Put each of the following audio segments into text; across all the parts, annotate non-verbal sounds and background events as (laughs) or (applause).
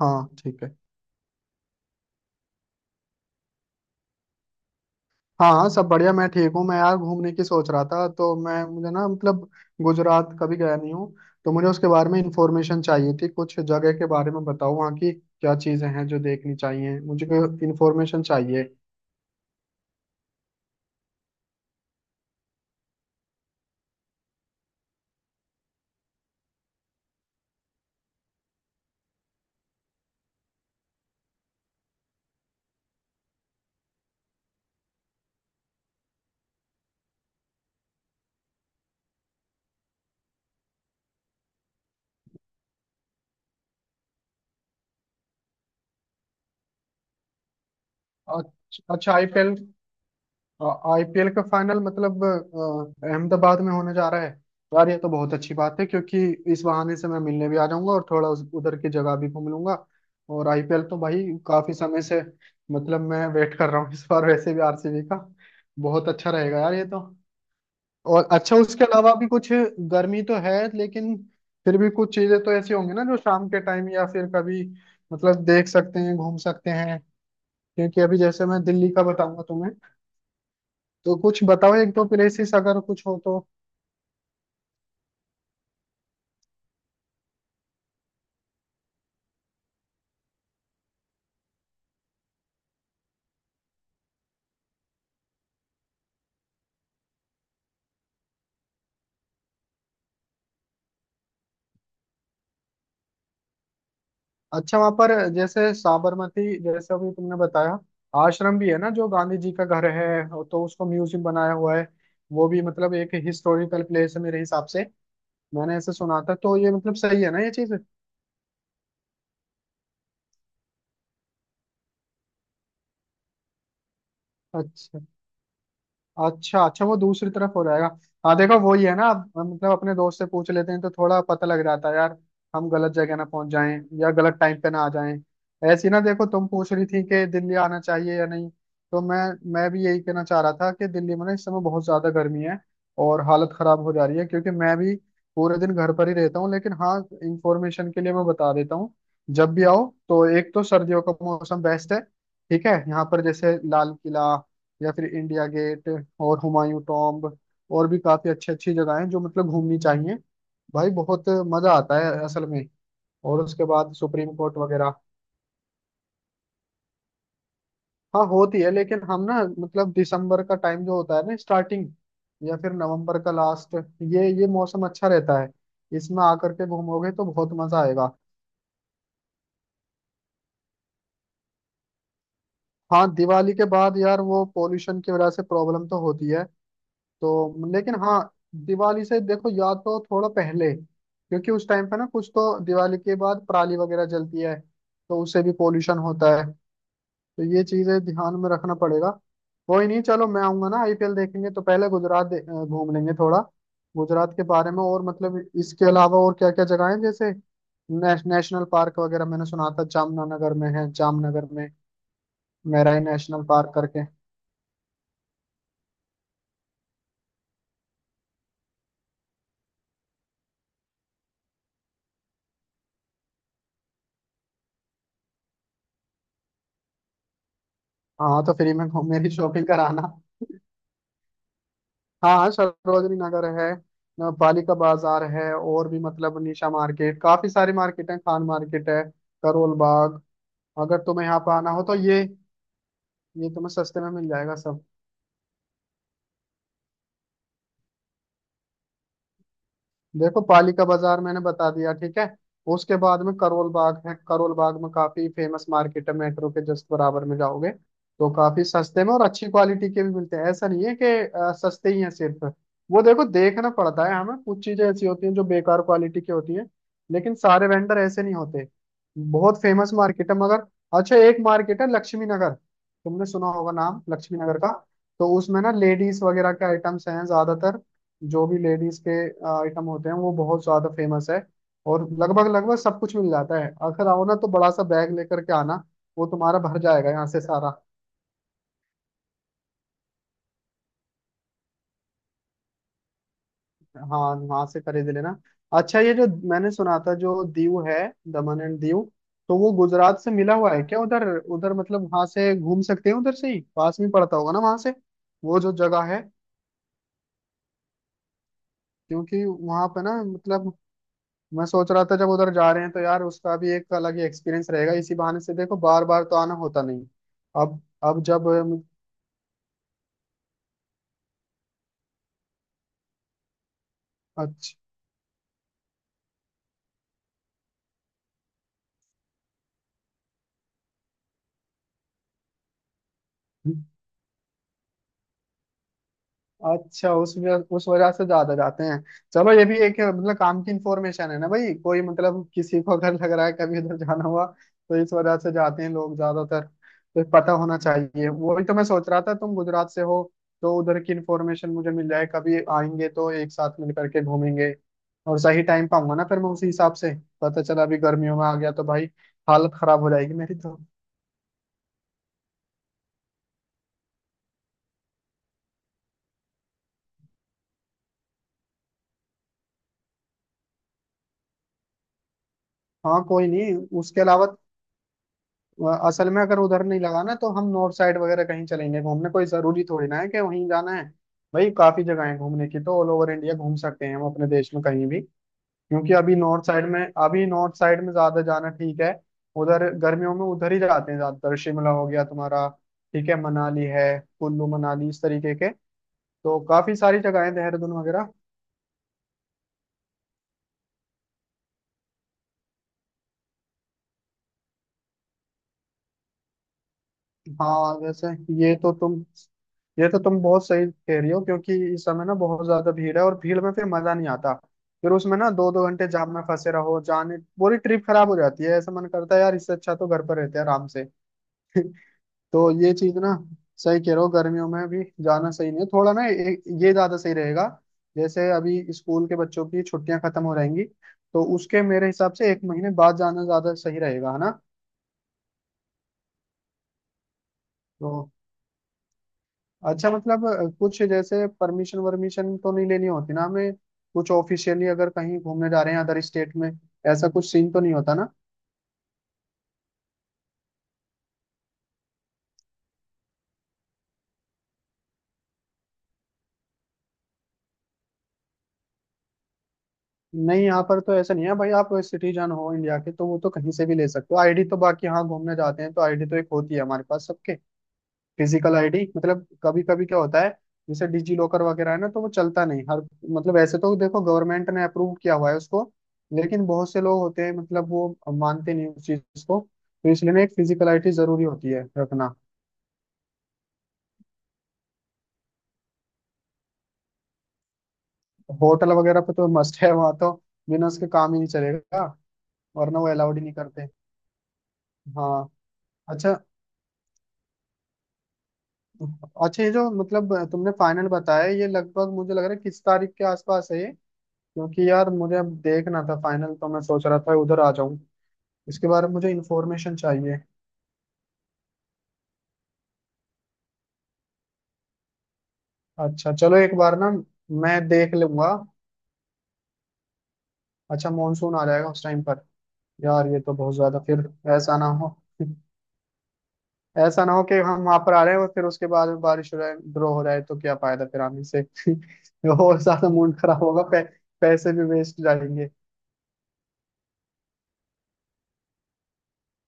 हाँ, ठीक है। हाँ हाँ, सब बढ़िया। मैं ठीक हूँ। मैं यार घूमने की सोच रहा था। तो मैं मुझे ना मतलब गुजरात कभी गया नहीं हूँ। तो मुझे उसके बारे में इंफॉर्मेशन चाहिए थी। कुछ जगह के बारे में बताओ, वहाँ की क्या चीज़ें हैं जो देखनी चाहिए मुझे। इंफॉर्मेशन चाहिए। अच्छा अच्छा, आईफेल आईपीएल का फाइनल मतलब अहमदाबाद में होने जा रहा है। यार ये तो बहुत अच्छी बात है, क्योंकि इस बहाने से मैं मिलने भी आ जाऊंगा और थोड़ा उधर की जगह भी घूम लूंगा। और आईपीएल तो भाई काफी समय से मतलब मैं वेट कर रहा हूँ। इस बार वैसे भी आरसीबी का बहुत अच्छा रहेगा यार ये तो। और अच्छा, उसके अलावा भी कुछ? गर्मी तो है लेकिन फिर भी कुछ चीजें तो ऐसी होंगी ना, जो शाम के टाइम या फिर कभी मतलब देख सकते हैं, घूम सकते हैं। क्योंकि अभी जैसे मैं दिल्ली का बताऊंगा तुम्हें, तो कुछ बताओ एक दो प्लेसेस अगर कुछ हो तो। अच्छा, वहां पर जैसे साबरमती, जैसे अभी तुमने बताया, आश्रम भी है ना जो गांधी जी का घर है, तो उसको म्यूजियम बनाया हुआ है। वो भी मतलब एक हिस्टोरिकल प्लेस है मेरे हिसाब से। मैंने ऐसे सुना था, तो ये मतलब सही है ना ये चीज? अच्छा। अच्छा अच्छा, वो दूसरी तरफ हो जाएगा। हाँ देखो, वही है ना, अब हम मतलब अपने दोस्त से पूछ लेते हैं तो थोड़ा पता लग जाता है यार। हम गलत जगह ना पहुंच जाएं, या गलत टाइम पे ना आ जाएं। ऐसी ना, देखो तुम पूछ रही थी कि दिल्ली आना चाहिए या नहीं, तो मैं भी यही कहना चाह रहा था कि दिल्ली में ना इस समय बहुत ज्यादा गर्मी है और हालत खराब हो जा रही है, क्योंकि मैं भी पूरे दिन घर पर ही रहता हूँ। लेकिन हाँ, इंफॉर्मेशन के लिए मैं बता देता हूँ। जब भी आओ तो एक तो सर्दियों का मौसम बेस्ट है। ठीक है, यहाँ पर जैसे लाल किला, या फिर इंडिया गेट, और हुमायूं टॉम्ब, और भी काफी अच्छी अच्छी जगह हैं जो मतलब घूमनी चाहिए भाई। बहुत मजा आता है असल में। और उसके बाद सुप्रीम कोर्ट वगैरह। हाँ होती है, लेकिन हम ना मतलब दिसंबर का टाइम जो होता है ना स्टार्टिंग, या फिर नवंबर का लास्ट, ये मौसम अच्छा रहता है। इसमें आकर के घूमोगे तो बहुत मजा आएगा। हाँ दिवाली के बाद यार वो पोल्यूशन की वजह से प्रॉब्लम तो होती है। तो लेकिन हाँ, दिवाली से देखो या तो थोड़ा पहले, क्योंकि उस टाइम पे ना कुछ तो दिवाली के बाद पराली वगैरह जलती है, तो उससे भी पोल्यूशन होता है, तो ये चीजें ध्यान में रखना पड़ेगा। कोई नहीं, चलो मैं आऊंगा ना, आईपीएल देखेंगे तो पहले गुजरात घूम लेंगे थोड़ा। गुजरात के बारे में और मतलब इसके अलावा और क्या क्या जगह है, जैसे नेशनल पार्क वगैरह मैंने सुना था जामनगर में है, जामनगर में मेराई नेशनल पार्क करके। हाँ तो फ्री में मेरी शॉपिंग कराना। हाँ हाँ, सरोजनी नगर है, पालिका बाजार है, और भी मतलब निशा मार्केट, काफी सारी मार्केट है, खान मार्केट है, करोल बाग। अगर तुम्हें यहाँ पर आना हो तो ये तुम्हें सस्ते में मिल जाएगा सब। देखो पालिका बाजार मैंने बता दिया, ठीक है? उसके बाद में करोल बाग है, करोल बाग में काफी फेमस मार्केट है, मेट्रो के जस्ट बराबर में जाओगे तो काफी सस्ते में और अच्छी क्वालिटी के भी मिलते हैं। ऐसा नहीं है कि सस्ते ही हैं सिर्फ वो, देखो देखना पड़ता है हमें, कुछ चीजें ऐसी होती हैं जो बेकार क्वालिटी की होती हैं, लेकिन सारे वेंडर ऐसे नहीं होते। बहुत फेमस मार्केट है मगर। अच्छा, एक मार्केट है लक्ष्मी नगर, तुमने सुना होगा नाम लक्ष्मी नगर का। तो उसमें ना लेडीज वगैरह के आइटम्स हैं ज्यादातर। जो भी लेडीज के आइटम होते हैं वो बहुत ज्यादा फेमस है, और लगभग लगभग सब कुछ मिल जाता है। अगर आओ ना तो बड़ा सा बैग लेकर के आना, वो तुम्हारा भर जाएगा यहाँ से सारा। हाँ, वहां से खरीद लेना। अच्छा ये जो मैंने सुना था, जो दीव है, दमन एंड दीव, तो वो गुजरात से मिला हुआ है क्या उधर? उधर मतलब वहां से घूम सकते हैं, उधर से ही पास में पड़ता होगा ना वहां से, वो जो जगह है। क्योंकि वहां पे ना मतलब मैं सोच रहा था जब उधर जा रहे हैं तो यार उसका भी एक अलग ही एक्सपीरियंस रहेगा, इसी बहाने से देखो, बार बार तो आना होता नहीं। अब अब जब अच्छा अच्छा, उस वजह से ज्यादा जाते हैं। चलो ये भी एक मतलब काम की इंफॉर्मेशन है ना भाई, कोई मतलब किसी को अगर लग रहा है कभी उधर जाना हुआ, तो इस वजह से जाते हैं लोग ज्यादातर, तो पता होना चाहिए। वही तो मैं सोच रहा था तुम गुजरात से हो तो उधर की इंफॉर्मेशन मुझे मिल जाए, कभी आएंगे तो एक साथ मिल करके घूमेंगे। और सही टाइम पाऊंगा ना फिर मैं उसी हिसाब से। पता चला अभी गर्मियों में आ गया तो भाई हालत खराब हो जाएगी मेरी तो। हाँ कोई नहीं, उसके अलावा असल में अगर उधर नहीं लगा ना तो हम नॉर्थ साइड वगैरह कहीं चलेंगे घूमने, कोई जरूरी थोड़ी ना है कि वहीं जाना है। भाई काफी जगह है घूमने की, तो ऑल ओवर इंडिया घूम सकते हैं हम, अपने देश में कहीं भी। क्योंकि अभी नॉर्थ साइड में, अभी नॉर्थ साइड में ज्यादा जाना ठीक है। उधर गर्मियों में उधर ही जाते हैं ज्यादातर। शिमला हो गया तुम्हारा, ठीक है, मनाली है, कुल्लू मनाली इस तरीके के, तो काफी सारी जगह है देहरादून वगैरह। हाँ वैसे, ये तो तुम ये तो तुम बहुत सही कह रही हो, क्योंकि इस समय ना बहुत ज्यादा भीड़ है, और भीड़ में फिर मजा नहीं आता, फिर उसमें ना दो दो घंटे जाम में फंसे रहो, जाने पूरी ट्रिप खराब हो जाती है। ऐसा मन करता है यार इससे अच्छा तो घर पर रहते हैं आराम से। (laughs) तो ये चीज ना, सही कह रहे हो गर्मियों में भी जाना सही नहीं है, थोड़ा ना ये ज्यादा सही रहेगा। जैसे अभी स्कूल के बच्चों की छुट्टियां खत्म हो रहेंगी, तो उसके मेरे हिसाब से एक महीने बाद जाना ज्यादा सही रहेगा, है ना? तो अच्छा, मतलब कुछ जैसे परमिशन वर्मिशन तो नहीं लेनी होती ना हमें, कुछ ऑफिशियली अगर कहीं घूमने जा रहे हैं अदर स्टेट में, ऐसा कुछ सीन तो नहीं होता ना? नहीं, यहाँ पर तो ऐसा नहीं है भाई, आप सिटीजन हो इंडिया के तो वो तो कहीं से भी ले सकते हो आईडी तो। बाकी हाँ, घूमने जाते हैं तो आईडी तो एक होती है हमारे पास सबके, फिजिकल आईडी। मतलब कभी कभी क्या होता है, जैसे डिजी लॉकर वगैरह है ना, तो वो चलता नहीं हर, मतलब ऐसे तो देखो गवर्नमेंट ने अप्रूव किया हुआ है उसको, लेकिन बहुत से लोग होते हैं मतलब वो मानते नहीं उस चीज को, तो इसलिए ना एक फिजिकल आईडी जरूरी होती है रखना। होटल वगैरह पे तो मस्ट है, वहाँ तो बिना उसके काम ही नहीं चलेगा, वरना वो अलाउड ही नहीं करते। हाँ। अच्छा अच्छा, ये जो मतलब तुमने फाइनल बताया, ये लगभग मुझे लग रहा है किस तारीख के आसपास है ये? क्योंकि यार मुझे अब देखना था फाइनल, तो मैं सोच रहा था उधर आ जाऊं, इसके बारे में मुझे इन्फॉर्मेशन चाहिए। अच्छा चलो, एक बार ना मैं देख लूंगा। अच्छा मानसून आ जाएगा उस टाइम पर? यार ये तो बहुत ज्यादा फिर, ऐसा ना हो। (laughs) ऐसा ना हो कि हम वहां पर आ रहे हैं और फिर उसके बाद में बारिश हो जाए, ड्रॉ हो जाए, तो क्या फायदा फिर आने से। (laughs) और ज्यादा मूड खराब होगा, पैसे भी वेस्ट जाएंगे।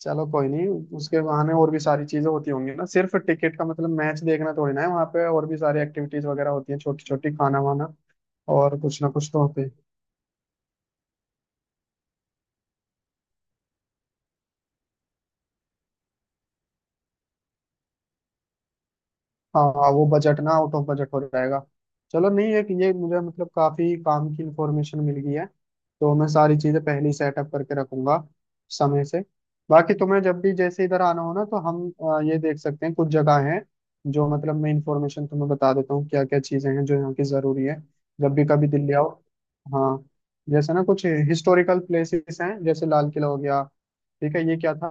चलो कोई नहीं, उसके बहाने और भी सारी चीजें होती होंगी ना, सिर्फ टिकट का मतलब मैच देखना थोड़ी ना है, वहाँ पे और भी सारी एक्टिविटीज वगैरह होती हैं, छोटी छोटी खाना वाना, और कुछ ना कुछ तो होते। हाँ हाँ, वो बजट ना आउट ऑफ बजट हो जाएगा। चलो नहीं है कि ये, मुझे मतलब काफी काम की इंफॉर्मेशन मिल गई है, तो मैं सारी चीजें पहले ही सेटअप करके रखूंगा समय से। बाकी तुम्हें जब भी जैसे इधर आना हो ना, तो हम ये देख सकते हैं, कुछ जगह हैं जो मतलब मैं इंफॉर्मेशन तुम्हें बता देता हूँ, क्या क्या चीजें हैं जो यहाँ की जरूरी है जब भी कभी दिल्ली आओ। हाँ, जैसे ना कुछ हिस्टोरिकल प्लेसेस हैं, जैसे लाल किला हो गया, ठीक है, ये क्या था,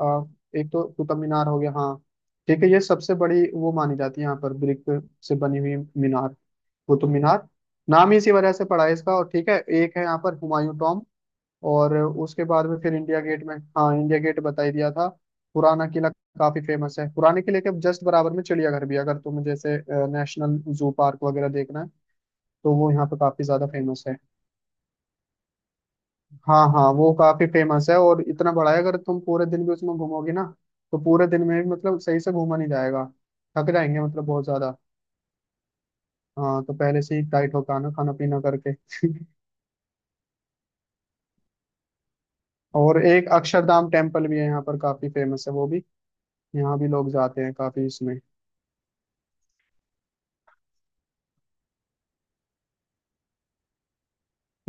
अ, एक तो कुतुब मीनार हो गया। हाँ ठीक है, ये सबसे बड़ी वो मानी जाती है यहाँ पर, ब्रिक से बनी हुई मीनार, वो तो मीनार नाम ही इसी वजह से पड़ा है इसका। और ठीक है, एक है यहाँ पर हुमायूं टॉम, और उसके बाद में फिर इंडिया गेट में। हाँ, इंडिया गेट बता ही दिया था। पुराना किला काफी फेमस है, पुराने किले के जस्ट बराबर में चिड़ियाघर भी है। अगर तुम्हें जैसे नेशनल जू पार्क वगैरह देखना है तो वो यहाँ पे काफी ज्यादा फेमस है। हाँ हाँ, वो काफी फेमस है और इतना बड़ा है, अगर तुम पूरे दिन भी उसमें घूमोगी ना तो पूरे दिन में भी मतलब सही से घूमा नहीं जाएगा, थक जाएंगे मतलब बहुत ज्यादा। हाँ, तो पहले से ही टाइट होकर आना खाना पीना करके। (laughs) और एक अक्षरधाम टेम्पल भी है यहाँ पर, काफी फेमस है वो भी, यहाँ भी लोग जाते हैं काफी इसमें।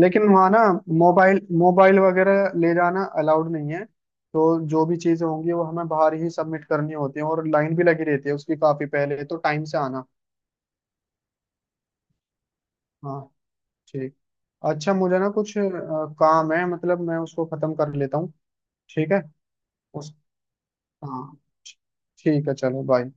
लेकिन वहाँ ना मोबाइल मोबाइल वगैरह ले जाना अलाउड नहीं है, तो जो भी चीजें होंगी वो हमें बाहर ही सबमिट करनी होती है, और लाइन भी लगी रहती है उसकी काफी, पहले तो टाइम से आना। हाँ, ठीक। अच्छा मुझे ना कुछ काम है, मतलब मैं उसको खत्म कर लेता हूँ। ठीक है? उस हाँ ठीक है, चलो बाय।